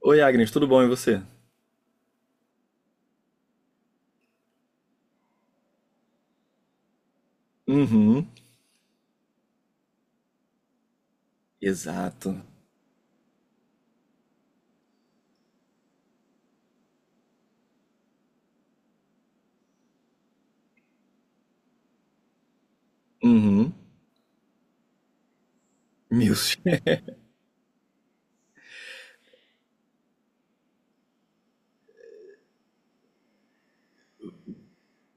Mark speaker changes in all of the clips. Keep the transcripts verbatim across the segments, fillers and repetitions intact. Speaker 1: Oi, Agnes, tudo bom e você? Uhum. Exato. Uhum. Mills.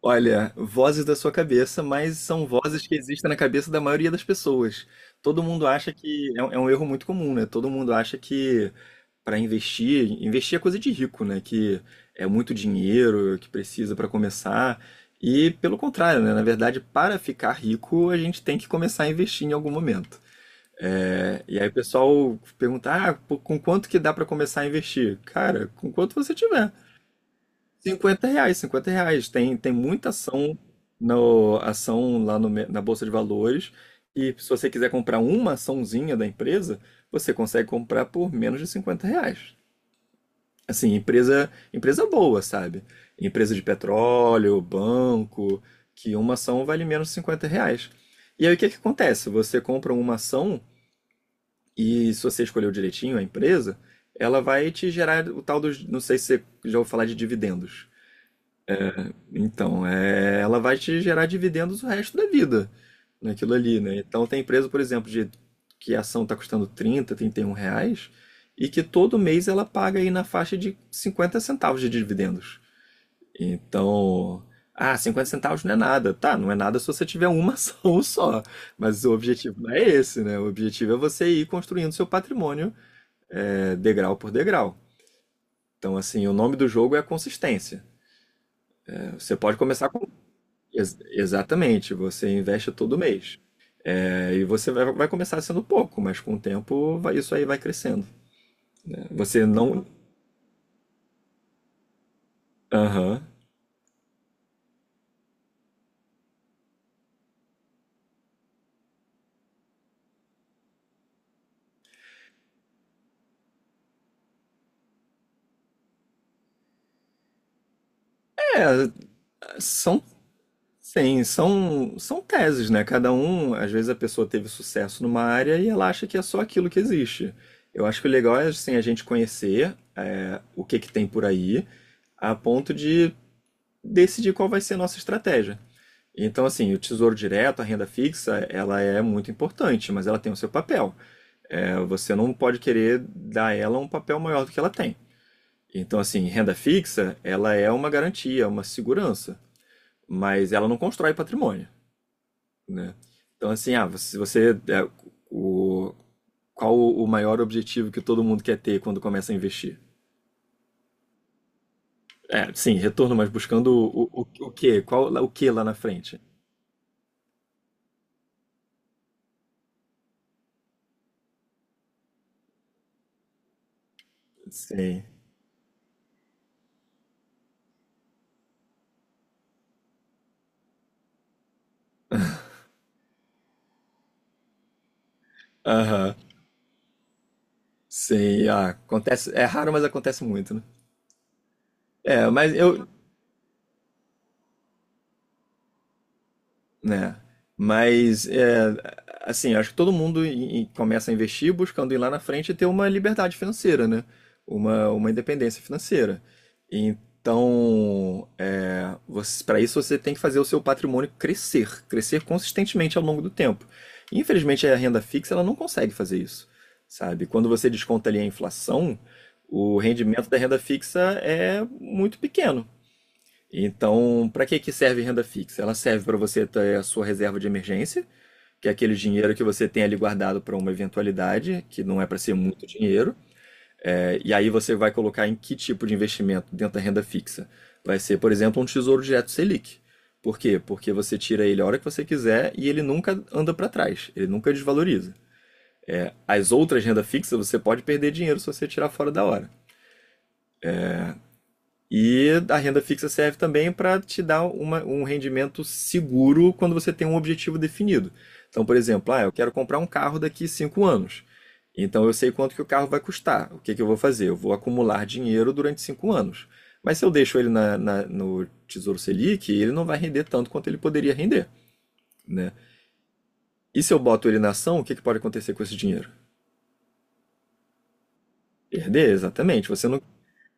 Speaker 1: Olha, vozes da sua cabeça, mas são vozes que existem na cabeça da maioria das pessoas. Todo mundo acha que é um, é um erro muito comum, né? Todo mundo acha que para investir, investir é coisa de rico, né? Que é muito dinheiro que precisa para começar. E pelo contrário, né? Na verdade, para ficar rico, a gente tem que começar a investir em algum momento. É, e aí o pessoal pergunta, ah, pô, com quanto que dá para começar a investir? Cara, com quanto você tiver. Cinquenta reais, cinquenta reais. Tem, tem muita ação, no, ação lá no me- na Bolsa de Valores. E se você quiser comprar uma açãozinha da empresa, você consegue comprar por menos de cinquenta reais. Assim, empresa, empresa boa, sabe? Empresa de petróleo, banco, que uma ação vale menos de cinquenta reais. E aí o que que acontece? Você compra uma ação e se você escolheu direitinho a empresa, ela vai te gerar o tal dos. Não sei se você já ouviu falar de dividendos. Então, é, ela vai te gerar dividendos o resto da vida naquilo ali, né? Então, tem empresa, por exemplo, de que a ação está custando trinta, trinta e um reais e que todo mês ela paga aí na faixa de cinquenta centavos de dividendos. Então, ah, cinquenta centavos não é nada. Tá, não é nada se você tiver uma ação só. Mas o objetivo não é esse, né? O objetivo é você ir construindo seu patrimônio é, degrau por degrau. Então, assim, o nome do jogo é a consistência. É, Você pode começar com. Ex exatamente, você investe todo mês. É, e você vai, vai, começar sendo pouco, mas com o tempo vai, isso aí vai crescendo. É, Você não. Aham. Uhum. São. Sim, são, são teses, né? Cada um, às vezes a pessoa teve sucesso numa área e ela acha que é só aquilo que existe. Eu acho que o legal é assim, a gente conhecer é, o que, que tem por aí, a ponto de decidir qual vai ser a nossa estratégia. Então, assim, o tesouro direto, a renda fixa, ela é muito importante, mas ela tem o seu papel. É, você não pode querer dar a ela um papel maior do que ela tem. Então, assim, renda fixa, ela é uma garantia, uma segurança, mas ela não constrói patrimônio, né? Então, assim, ah, se você, é, o, qual o maior objetivo que todo mundo quer ter quando começa a investir? É, sim, retorno, mas buscando o, o, o quê? Qual, o quê lá na frente? Sim. Aham. Sei, ah, acontece, é raro, mas acontece muito, né? É, mas eu, né? Mas é, assim, acho que todo mundo em- em- começa a investir buscando ir lá na frente e ter uma liberdade financeira, né? Uma, uma independência financeira. Então, é, para isso você tem que fazer o seu patrimônio crescer, crescer consistentemente ao longo do tempo. Infelizmente, a renda fixa ela não consegue fazer isso, sabe? Quando você desconta ali a inflação, o rendimento da renda fixa é muito pequeno. Então, para que que serve renda fixa? Ela serve para você ter a sua reserva de emergência, que é aquele dinheiro que você tem ali guardado para uma eventualidade, que não é para ser muito dinheiro. É, e aí você vai colocar em que tipo de investimento dentro da renda fixa? Vai ser, por exemplo, um tesouro direto Selic. Por quê? Porque você tira ele a hora que você quiser e ele nunca anda para trás, ele nunca desvaloriza. As outras renda fixa você pode perder dinheiro se você tirar fora da hora. E a renda fixa serve também para te dar uma- um rendimento seguro quando você tem um objetivo definido. Então, por exemplo, ah, eu quero comprar um carro daqui cinco anos. Então eu sei quanto que o carro vai custar. O que que eu vou fazer? Eu vou acumular dinheiro durante cinco anos. Mas se eu deixo ele na- na- no Tesouro Selic, ele não vai render tanto quanto ele poderia render, né? E se eu boto ele na ação, o que que pode acontecer com esse dinheiro? Perder, exatamente. Você não,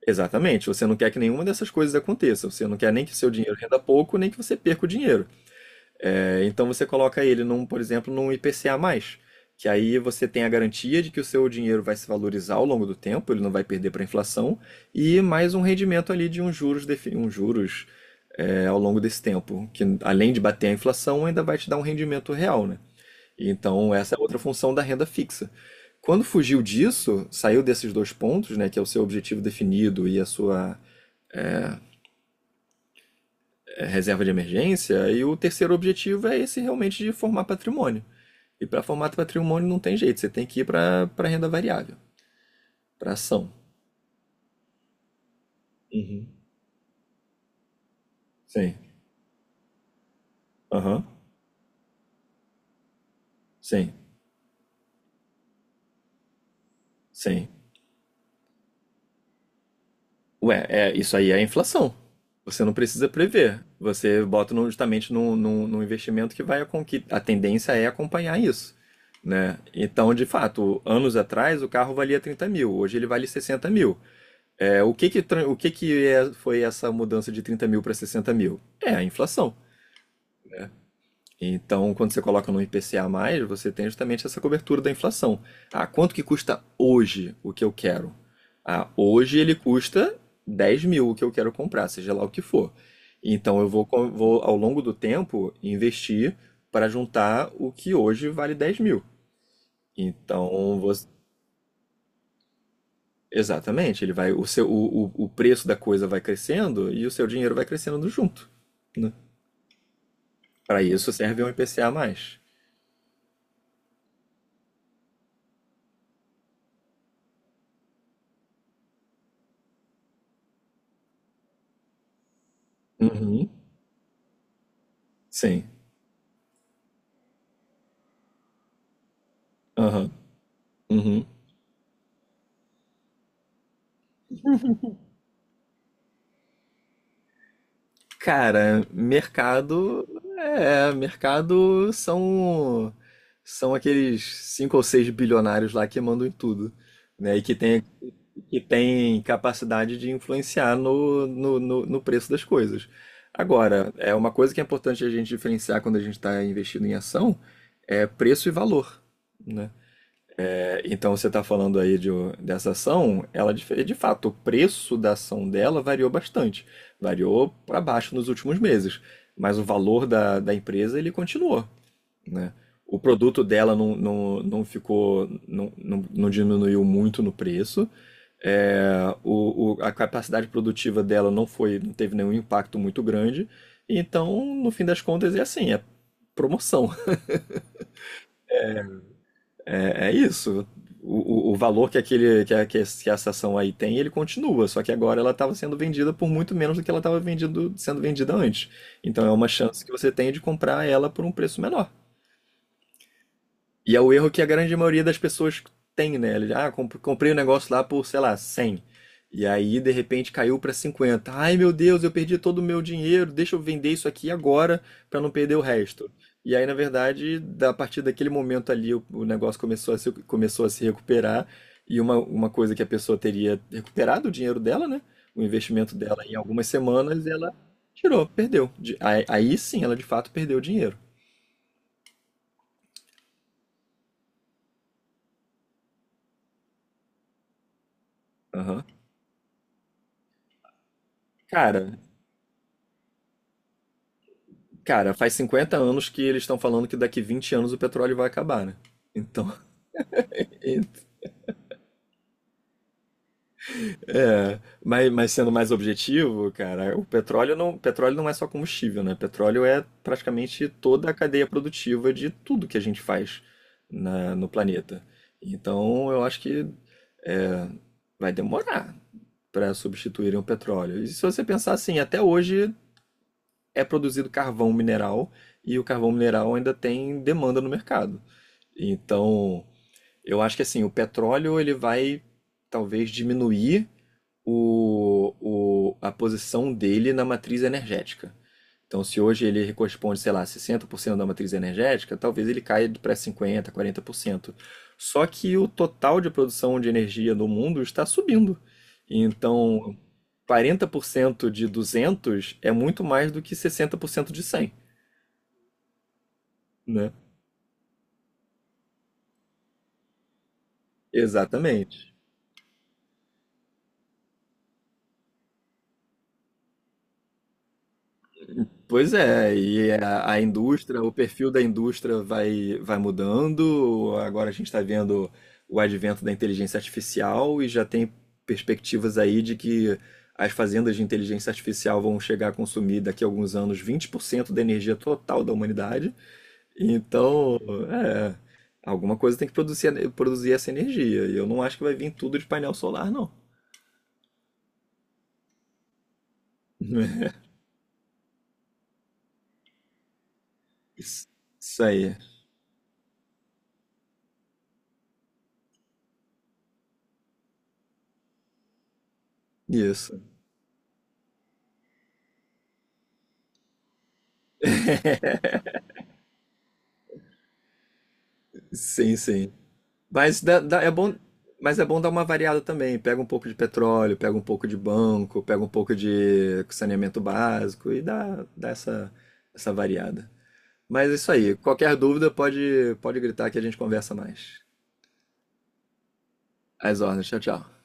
Speaker 1: exatamente. Você não quer que nenhuma dessas coisas aconteça. Você não quer nem que seu dinheiro renda pouco, nem que você perca o dinheiro. É, então você coloca ele num, por exemplo, num I P C A mais, que aí você tem a garantia de que o seu dinheiro vai se valorizar ao longo do tempo, ele não vai perder para a inflação, e mais um rendimento ali de uns juros, defi- uns juros é, ao longo desse tempo, que além de bater a inflação, ainda vai te dar um rendimento real, né? Então essa é outra função da renda fixa. Quando fugiu disso, saiu desses dois pontos, né, que é o seu objetivo definido e a sua eh, reserva de emergência, e o terceiro objetivo é esse realmente de formar patrimônio. E para formato patrimônio não tem jeito, você tem que ir para para renda variável, para ação. Uhum. Sim. Aham. Sim. Sim. Ué, é, isso aí é inflação. Você não precisa prever. Você bota no- justamente num no, no, investimento que vai a que a tendência é acompanhar isso. Né? Então, de fato, anos atrás o carro valia 30 mil, hoje ele vale 60 mil. É, o que que, tran- o que, que é- foi essa mudança de 30 mil para 60 mil? É a inflação. Então, quando você coloca no I P C A mais, você tem justamente essa cobertura da inflação. Ah, quanto que custa hoje o que eu quero? Ah, hoje ele custa dez mil o que eu quero comprar, seja lá o que for. Então, eu vou, co- vou ao longo do tempo, investir para juntar o que hoje vale dez mil. Então, você... Exatamente, ele vai, o seu, o, o o preço da coisa vai crescendo e o seu dinheiro vai crescendo junto, né? Para isso serve um I P C A mais. Uhum. Sim. Aham. Uhum. Cara, mercado é, mercado são são aqueles cinco ou seis bilionários lá que mandam em tudo, né? E que tem que tem capacidade de influenciar no, no, no, no preço das coisas. Agora, é uma coisa que é importante a gente diferenciar quando a gente está investindo em ação é preço e valor, né? Então você está falando aí de, dessa ação, ela de, de fato, o preço da ação dela variou bastante. Variou para baixo nos últimos meses, mas o valor da, da empresa ele continuou, né? O produto dela não, não, não ficou, não, não, não diminuiu muito no preço. É, o, o, a capacidade produtiva dela não foi, não teve nenhum impacto muito grande. Então, no fim das contas, é assim, é promoção. É, é isso. O, o, o valor que, aquele, que, a, que esse- que a estação aí tem, ele continua, só que agora ela estava sendo vendida por muito menos do que ela estava vendido, sendo vendida antes. Então é uma chance que você tem de comprar ela por um preço menor. E é o erro que a grande maioria das pessoas tem, né? Ele, Ah, comp- comprei o negócio lá por, sei lá, cem. E aí, de repente, caiu para cinquenta. Ai, meu Deus, eu perdi todo o meu dinheiro. Deixa eu vender isso aqui agora para não perder o resto. E aí, na verdade, da- a partir daquele momento ali, o, o negócio começou a se, começou a se recuperar. E uma, uma coisa que a pessoa teria recuperado o dinheiro dela, né? O investimento dela em algumas semanas, ela tirou, perdeu. De- Aí, aí sim, ela de fato perdeu o dinheiro. Aham. Cara, Cara, faz cinquenta anos que eles estão falando que daqui vinte anos o petróleo vai acabar, né? Então, e- é, mas, mas, sendo mais objetivo, cara, o petróleo não, petróleo não é só combustível, né? Petróleo é praticamente toda a cadeia produtiva de tudo que a gente faz na- no planeta. Então, eu acho que vai demorar para substituírem o petróleo. E se você pensar assim, até hoje é produzido carvão mineral e o carvão mineral ainda tem demanda no mercado. Então, eu acho que assim, o petróleo ele vai talvez diminuir o, o- a posição dele na matriz energética. Então, se hoje ele corresponde, sei lá, sessenta por cento da matriz energética, talvez ele caia para cinquenta por cento, quarenta por cento. Só que o total de produção de energia no mundo está subindo. Então, quarenta por cento de duzentos é muito mais do que sessenta por cento de cem, né? Exatamente. Pois é, e a, a indústria, o perfil da indústria vai, vai mudando. Agora a gente está vendo o advento da inteligência artificial e já tem perspectivas aí de que as fazendas de inteligência artificial vão chegar a consumir daqui a alguns anos vinte por cento da energia total da humanidade. Então, é, alguma coisa tem que produzir, produzir essa energia. E eu não acho que vai vir tudo de painel solar, não. Isso aí. Isso. Sim, sim. Mas dá- dá- é bom, mas é bom dar uma variada também. Pega um pouco de petróleo, pega um pouco de banco, pega um pouco de saneamento básico e dá, dá essa, essa variada. Mas é isso aí. Qualquer dúvida pode, pode gritar que a gente conversa mais. Às ordens. Tchau, tchau.